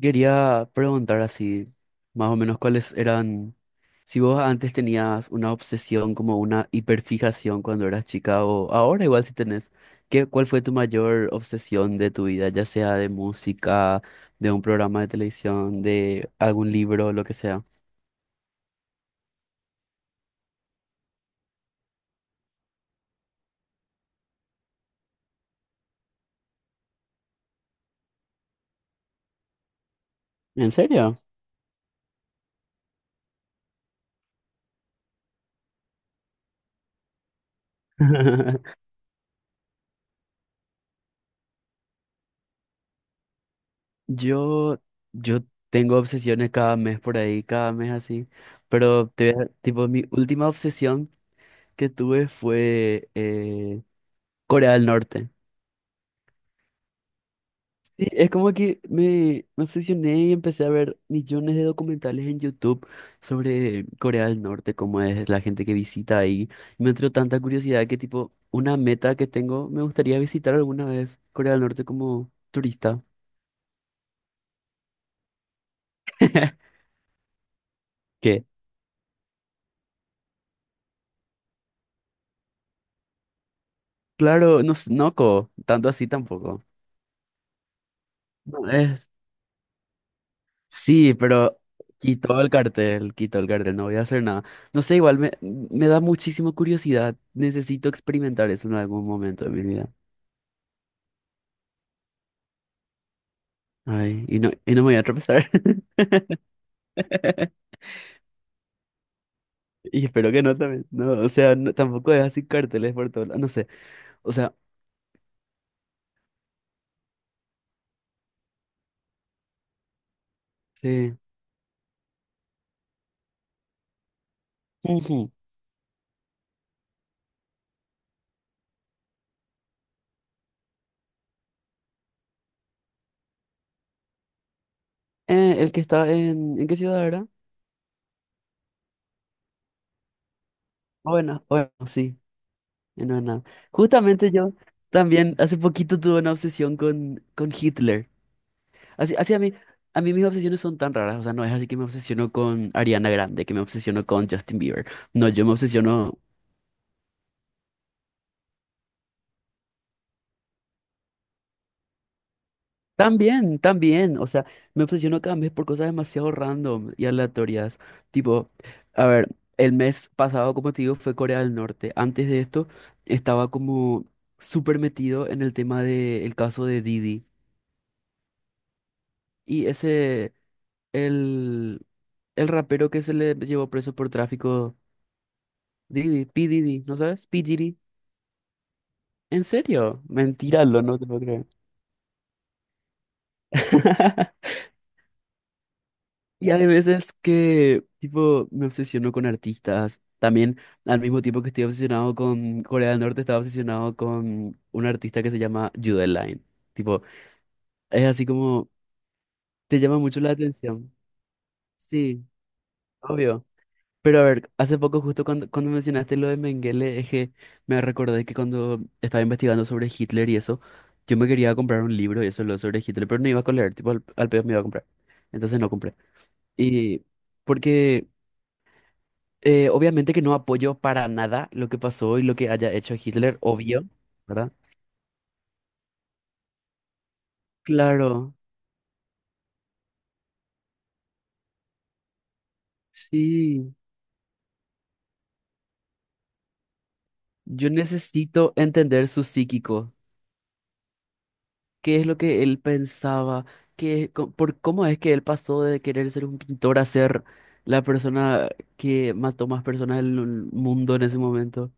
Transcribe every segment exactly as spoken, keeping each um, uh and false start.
Quería preguntar así, más o menos cuáles eran, si vos antes tenías una obsesión como una hiperfijación cuando eras chica o ahora igual si tenés, ¿qué, cuál fue tu mayor obsesión de tu vida, ya sea de música, de un programa de televisión, de algún libro, lo que sea? ¿En serio? Yo, yo tengo obsesiones cada mes por ahí, cada mes así, pero te voy a- tipo mi última obsesión que tuve fue eh, Corea del Norte. Sí, es como que me, me obsesioné y empecé a ver millones de documentales en YouTube sobre Corea del Norte, cómo es la gente que visita ahí. Y me entró tanta curiosidad que tipo, una meta que tengo, me gustaría visitar alguna vez Corea del Norte como turista. ¿Qué? Claro, no, s- no, co, tanto así tampoco. No, es Sí, pero quitó el cartel, quitó el cartel, no voy a hacer nada. No sé, igual me, me da muchísima curiosidad. Necesito experimentar eso en algún momento de mi vida. Ay, y no, y no me voy a tropezar. Y espero que no también. No, o sea, no- tampoco es así carteles por todo. Lados. No sé, o sea, sí. Ujú. Eh, el que está en, ¿en qué ciudad era? Bueno, bueno, sí, en Ana. Justamente yo también hace poquito tuve una obsesión con, con Hitler. Así, así a mí, a mí mis obsesiones son tan raras, o sea, no es así que me obsesiono con Ariana Grande, que me obsesiono con Justin Bieber. No, yo me obsesiono también, también, o sea, me obsesiono cada mes por cosas demasiado random y aleatorias. Tipo, a ver, el mes pasado, como te digo, fue Corea del Norte. Antes de esto, estaba como súper metido en el tema del caso de Didi. Y ese, el, el rapero que se le llevó preso por tráfico, Didi, P. Didi, ¿no sabes? P. Diddy. ¿En serio? Mentira, lo no te puedo creer. Y hay veces que, tipo, me obsesiono con artistas. También, al mismo tiempo que estoy obsesionado con Corea del Norte, estaba obsesionado con un artista que se llama Jude Line. Tipo, es así como, te llama mucho la atención. Sí, obvio. Pero a ver, hace poco justo cuando, cuando mencionaste lo de Mengele, es que me recordé que cuando estaba investigando sobre Hitler y eso, yo me quería comprar un libro y eso lo sobre Hitler, pero no iba a leer, tipo al, al pedo me iba a comprar. Entonces no compré. Y porque eh, obviamente que no apoyo para nada lo que pasó y lo que haya hecho Hitler, obvio, ¿verdad? Claro, sí. Yo necesito entender su psíquico. Qué es lo que él pensaba, qué, co- por, cómo es que él pasó de querer ser un pintor a ser la persona que mató más personas del mundo en ese momento.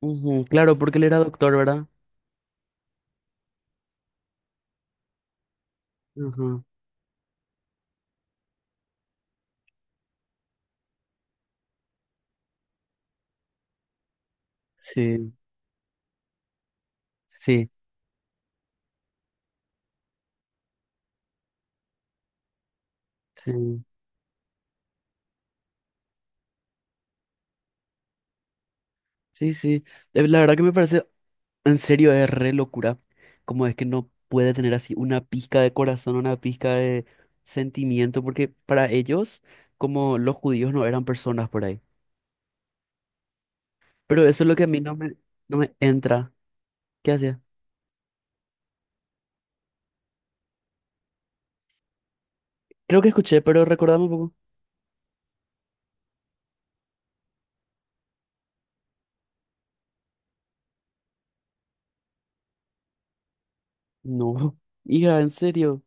Ujú, claro, porque él era doctor, ¿verdad? Ujú. Sí, sí, sí, sí, sí. Eh, la verdad que me parece, en serio, es re locura. Como es que no puede tener así una pizca de corazón, una pizca de sentimiento, porque para ellos, como los judíos no eran personas por ahí. Pero eso es lo que a mí no me, no me entra. ¿Qué hacía? Creo que escuché, pero recordame un poco. No. Hija, en serio.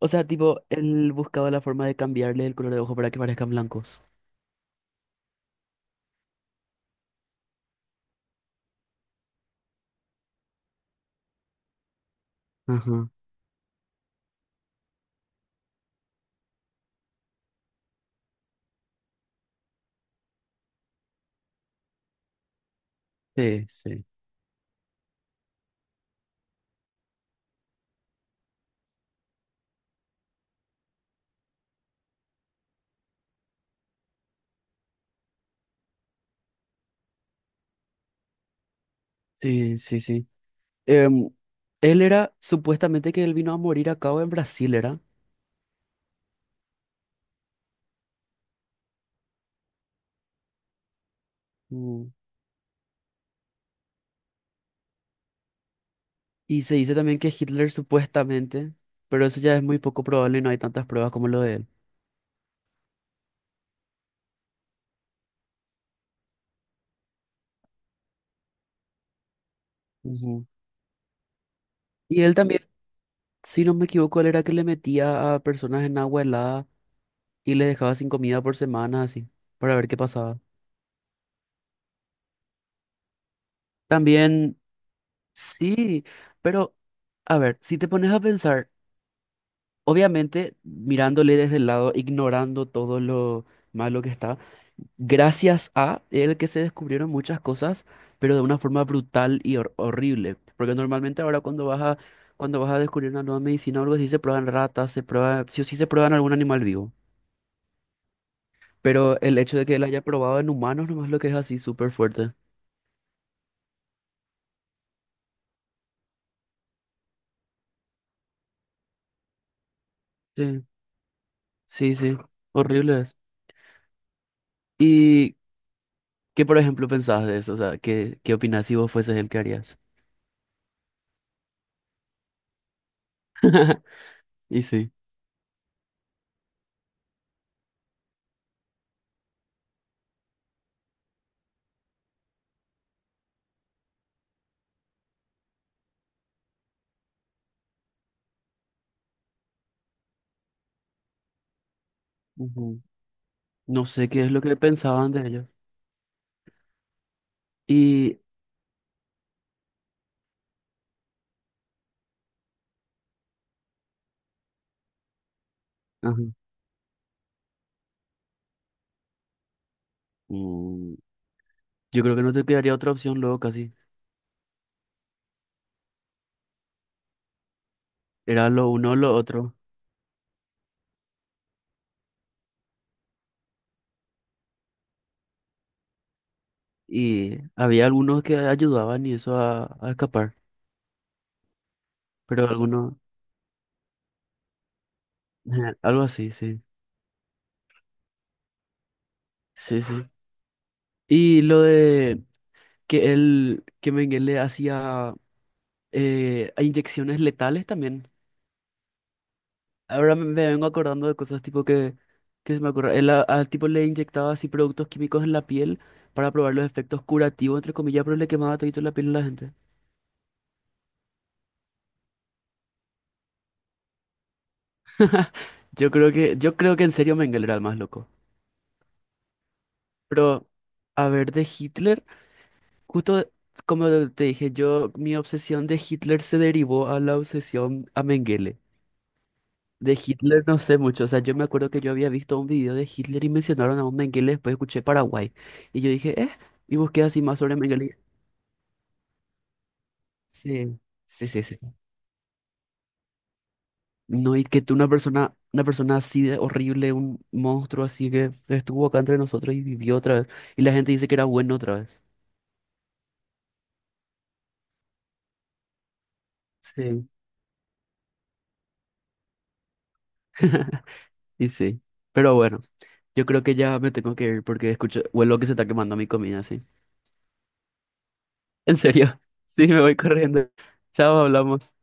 O sea, tipo, él buscaba la forma de cambiarle el color de ojo para que parezcan blancos. Ajá. Sí, sí, sí, sí, sí. Em, él era, supuestamente que él vino a morir acá o en Brasil, ¿era? Mm. Y se dice también que Hitler supuestamente, pero eso ya es muy poco probable y no hay tantas pruebas como lo de él. Ujú. Y él también, si no me equivoco, él era que le metía a personas en agua helada y les dejaba sin comida por semanas así, para ver qué pasaba. También, sí, pero a ver, si te pones a pensar, obviamente mirándole desde el lado, ignorando todo lo malo que está, gracias a él que se descubrieron muchas cosas, pero de una forma brutal y hor- horrible. Porque normalmente ahora cuando vas a, cuando vas a descubrir una nueva medicina o algo así, se prueban ratas, se prueba, sí o sí se prueban algún animal vivo. Pero el hecho de que él haya probado en humanos nomás lo que es así súper fuerte. Sí, sí, sí, horrible es. Y ¿qué, por ejemplo, pensabas de eso? O sea, ¿qué, qué opinás si vos fueses el que harías? Y sí. Ujú. No sé qué es lo que pensaban de ellos. Y ajá. Mm, yo creo que no te quedaría otra opción luego casi. Era lo uno o lo otro. Y había algunos que ayudaban y eso a, a escapar. Pero algunos, ajá, algo así, sí. Sí, sí. Y lo de que él, que Mengele hacía eh, inyecciones letales también. Ahora me me vengo acordando de cosas tipo que, que se me ocurre. Él a- al tipo le inyectaba así productos químicos en la piel para probar los efectos curativos, entre comillas, pero le quemaba todito la piel a la gente. Yo creo que, yo creo que en serio Mengele era el más loco. Pero, a ver, de Hitler, justo como te dije, yo, mi obsesión de Hitler se derivó a la obsesión a Mengele. De Hitler no sé mucho, o sea, yo me acuerdo que yo había visto un video de Hitler y mencionaron a un Mengele, después escuché Paraguay. Y yo dije, eh, y busqué así más sobre Mengele. Sí, sí, sí, sí. No, y que tú una persona, una persona así de horrible, un monstruo así que estuvo acá entre nosotros y vivió otra vez. Y la gente dice que era bueno otra vez. Sí. Y sí. Pero bueno, yo creo que ya me tengo que ir porque escucho, huelo que se está quemando mi comida, sí. En serio. Sí, me voy corriendo. Chao, hablamos.